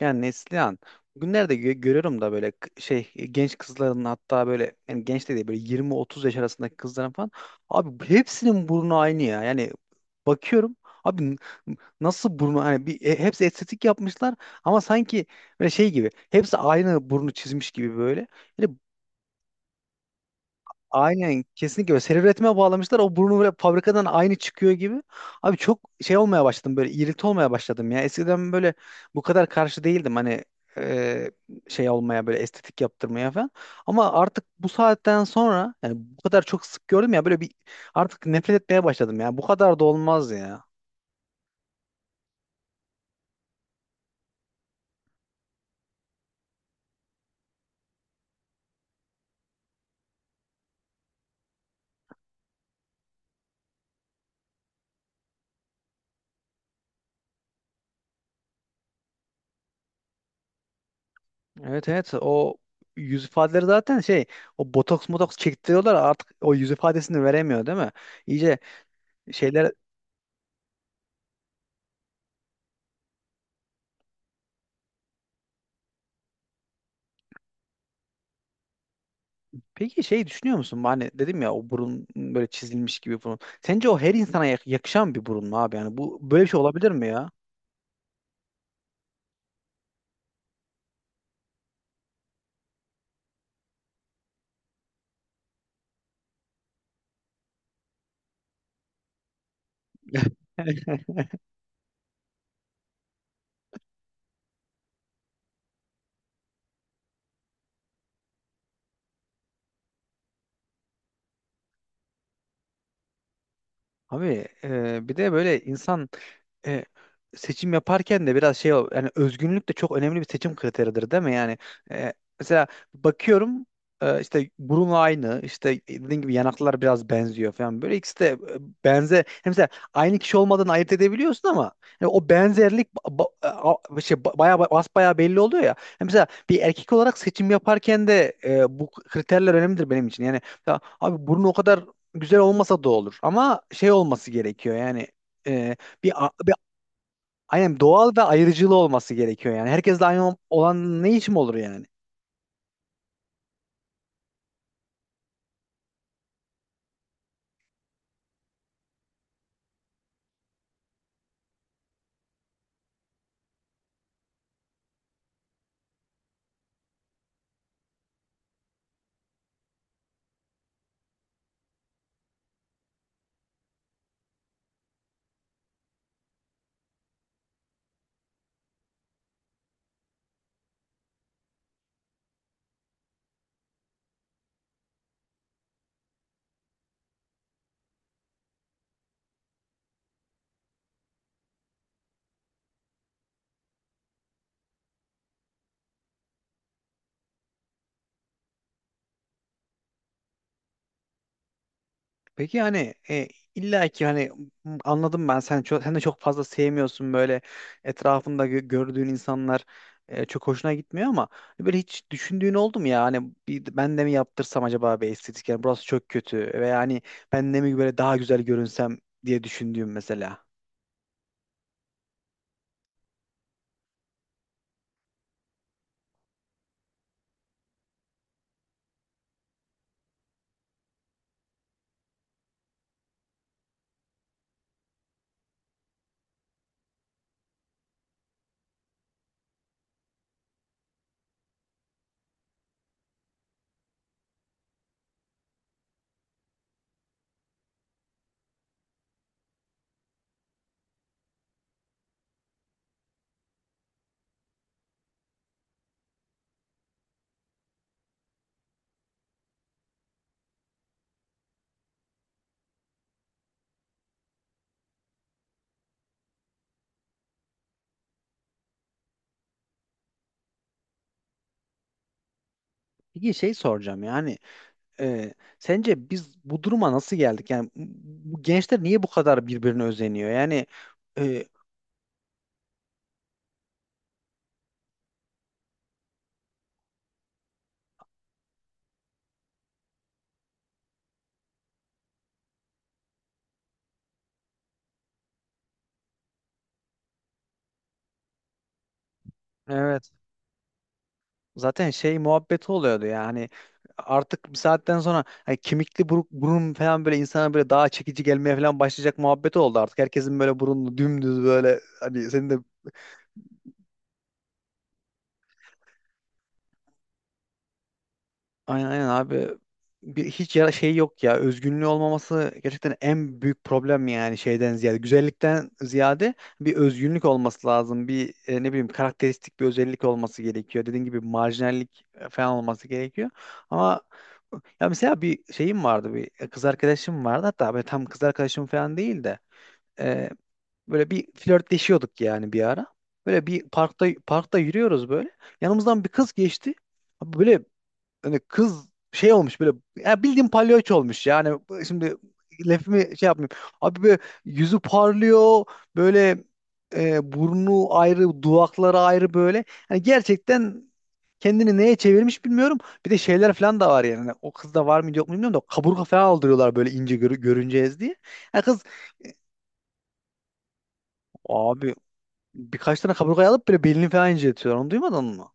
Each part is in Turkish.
Yani Neslihan bugünlerde görüyorum da böyle genç kızların, hatta böyle, yani genç de değil, böyle 20-30 yaş arasındaki kızların falan, abi hepsinin burnu aynı ya. Yani bakıyorum abi, nasıl burnu, hani hepsi estetik yapmışlar ama sanki böyle şey gibi hepsi aynı burnu çizmiş gibi böyle. Aynen, kesinlikle öyle. Seri üretime bağlamışlar. O burnu böyle fabrikadan aynı çıkıyor gibi. Abi çok şey olmaya başladım, böyle irrite olmaya başladım ya. Eskiden böyle bu kadar karşı değildim hani, e, şey olmaya, böyle estetik yaptırmaya falan. Ama artık bu saatten sonra, yani bu kadar çok sık gördüm ya böyle, bir artık nefret etmeye başladım ya. Bu kadar da olmaz ya. Evet, evet, o yüz ifadeleri zaten şey, o botoks motoks çektiriyorlar, artık o yüz ifadesini veremiyor değil mi? İyice şeyler. Peki şey düşünüyor musun? Hani dedim ya, o burun böyle çizilmiş gibi burun. Sence o her insana yakışan bir burun mu abi? Yani bu böyle bir şey olabilir mi ya? Abi bir de böyle insan E, seçim yaparken de biraz yani özgünlük de çok önemli bir seçim kriteridir değil mi? Yani, e, mesela bakıyorum, işte burun aynı, işte dediğim gibi yanaklar biraz benziyor falan, böyle ikisi de benze, yani mesela aynı kişi olmadan ayırt edebiliyorsun ama yani o benzerlik bayağı, basbayağı belli oluyor ya. Yani mesela bir erkek olarak seçim yaparken de, bu kriterler önemlidir benim için. Yani ya, abi burun o kadar güzel olmasa da olur, ama şey olması gerekiyor yani, e, bir, aynen, doğal ve ayrıcılığı olması gerekiyor yani. Herkesle aynı olan ne için olur yani? Peki hani, illa ki hani, anladım ben, sen de çok fazla sevmiyorsun böyle, etrafında gördüğün insanlar, çok hoşuna gitmiyor, ama böyle hiç düşündüğün oldu mu ya, hani bir, ben de mi yaptırsam acaba bir estetik, yani burası çok kötü ve yani ben de mi böyle daha güzel görünsem diye düşündüğüm mesela. Peki şey soracağım yani, sence biz bu duruma nasıl geldik yani, bu bu gençler niye bu kadar birbirine özeniyor yani, e, evet. Zaten şey muhabbeti oluyordu yani, artık bir saatten sonra, hani kemikli buruk, burun falan böyle, insana böyle daha çekici gelmeye falan başlayacak muhabbeti oldu artık. Herkesin böyle burunlu dümdüz böyle, hani senin de aynen aynen abi. Bir, hiç yara şey yok ya. Özgünlüğü olmaması gerçekten en büyük problem, yani şeyden ziyade. Güzellikten ziyade bir özgünlük olması lazım. Bir, ne bileyim, karakteristik bir özellik olması gerekiyor. Dediğin gibi marjinallik falan olması gerekiyor. Ama, ya mesela bir şeyim vardı. Bir kız arkadaşım vardı. Hatta böyle tam kız arkadaşım falan değil de, e, böyle bir flörtleşiyorduk yani bir ara. Böyle bir parkta yürüyoruz böyle. Yanımızdan bir kız geçti. Böyle hani kız şey olmuş böyle, ya bildiğin palyaço olmuş yani, şimdi lafımı şey yapmayayım. Abi böyle yüzü parlıyor böyle, burnu ayrı, dudakları ayrı böyle. Hani gerçekten kendini neye çevirmiş bilmiyorum. Bir de şeyler falan da var yani. Hani o kızda var mı yok mu bilmiyorum da kaburga falan aldırıyorlar böyle, ince görüneceğiz diye. Yani kız, e, abi birkaç tane kaburgayı alıp böyle belini falan inceltiyorlar. Onu duymadın mı?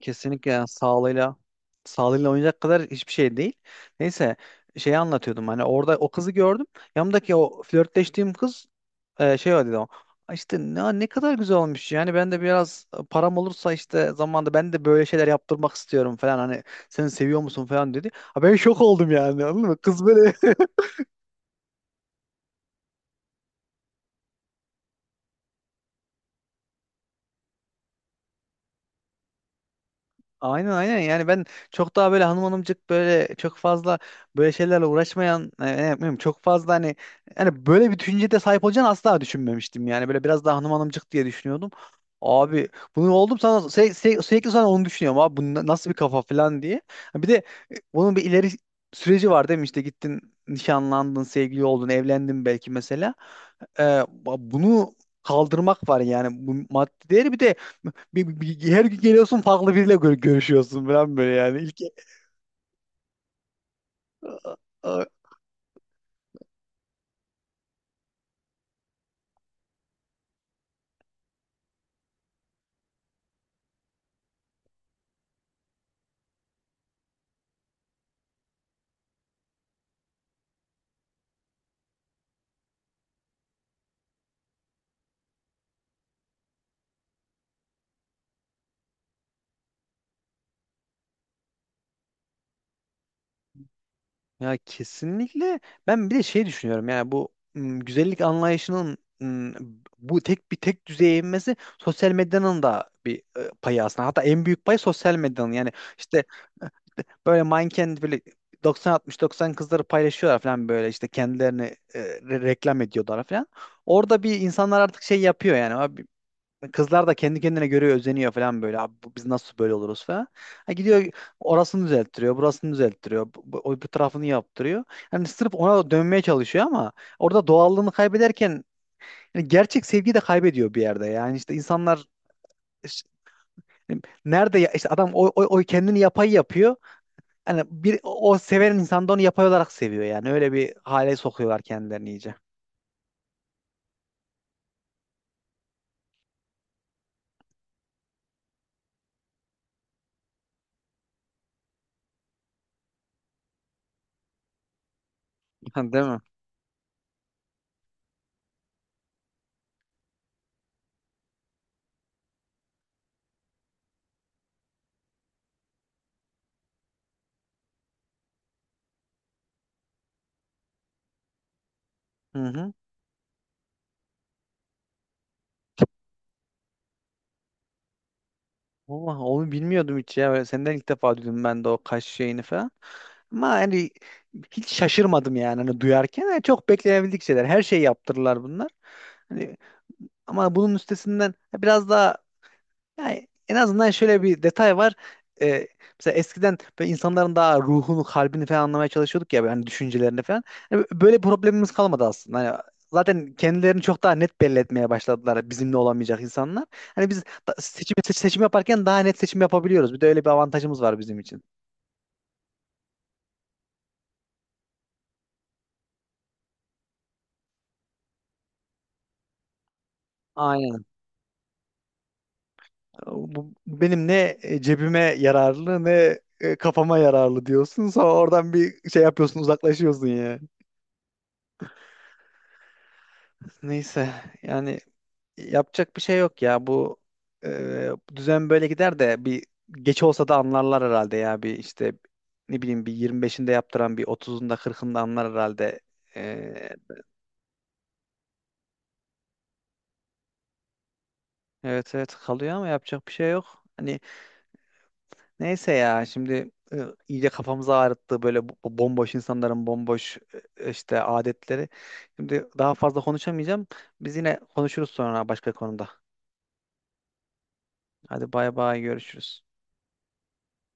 Kesinlikle yani, sağlığıyla oynayacak kadar hiçbir şey değil. Neyse, şeyi anlatıyordum, hani orada o kızı gördüm. Yanımdaki o flörtleştiğim kız, şey o dedi o. "Ay İşte ne kadar güzel olmuş yani, ben de biraz, param olursa işte zamanda ben de böyle şeyler yaptırmak istiyorum" falan. Hani seni seviyor musun falan dedi. Ha, ben şok oldum yani, anladın mı? Kız böyle Aynen, aynen, yani ben çok daha böyle hanım hanımcık, böyle çok fazla böyle şeylerle uğraşmayan, ne yapmıyorum çok fazla, hani yani böyle bir düşüncede sahip olacağını asla düşünmemiştim yani, böyle biraz daha hanım hanımcık diye düşünüyordum. Abi bunu oldum sana, sürekli sonra onu düşünüyorum abi bu nasıl bir kafa falan diye. Ha, bir de bunun bir ileri süreci var değil mi, işte gittin, nişanlandın, sevgili oldun, evlendin belki mesela, e, bunu kaldırmak var yani, bu maddi değeri, bir de bir, her gün geliyorsun, farklı biriyle görüşüyorsun falan böyle, yani ilk A- ya kesinlikle. Ben bir de şey düşünüyorum yani, bu güzellik anlayışının, bu tek bir tek düzeye inmesi, sosyal medyanın da bir payı aslında, hatta en büyük pay sosyal medyanın yani, işte böyle manken böyle 90-60-90 kızları paylaşıyorlar falan, böyle işte kendilerini, reklam ediyorlar falan. Orada bir insanlar artık şey yapıyor yani, abi kızlar da kendi kendine göre özeniyor falan böyle, abi biz nasıl böyle oluruz falan. Ha, gidiyor orasını düzelttiriyor, burasını düzelttiriyor, bu tarafını yaptırıyor. Hani sırf ona dönmeye çalışıyor ama, orada doğallığını kaybederken yani gerçek sevgiyi de kaybediyor bir yerde yani, işte insanlar işte, hani nerede ya, işte adam o kendini yapay yapıyor. Hani bir o seven insan da onu yapay olarak seviyor yani. Öyle bir hale sokuyorlar kendilerini iyice. Değil mi? Hı hı. Vallahi onu bilmiyordum hiç ya. Böyle senden ilk defa duydum ben de o kaş şeyini falan. Ama hani hiç şaşırmadım yani hani duyarken. Yani çok beklenebildik şeyler. Her şeyi yaptırırlar bunlar. Hani ama bunun üstesinden biraz daha, yani en azından şöyle bir detay var. Ee, Mesela eskiden böyle insanların daha ruhunu, kalbini falan anlamaya çalışıyorduk ya yani, düşüncelerini falan. Hani böyle bir problemimiz kalmadı aslında. Hani zaten kendilerini çok daha net belli etmeye başladılar, bizimle olamayacak insanlar. Hani biz seçim yaparken daha net seçim yapabiliyoruz. Bir de öyle bir avantajımız var bizim için. Aynen. Bu benim ne cebime yararlı, ne kafama yararlı diyorsun. Sonra oradan bir şey yapıyorsun, uzaklaşıyorsun ya. Neyse yani, yapacak bir şey yok ya. Bu bu düzen böyle gider de bir geç olsa da anlarlar herhalde ya. Bir işte ne bileyim, bir 25'inde yaptıran bir 30'unda 40'ında anlar herhalde. E, evet, evet, kalıyor ama yapacak bir şey yok. Hani neyse ya, şimdi iyice kafamızı ağrıttı böyle bu bomboş insanların bomboş, işte adetleri. Şimdi daha fazla konuşamayacağım. Biz yine konuşuruz sonra başka konuda. Hadi bay bay, görüşürüz.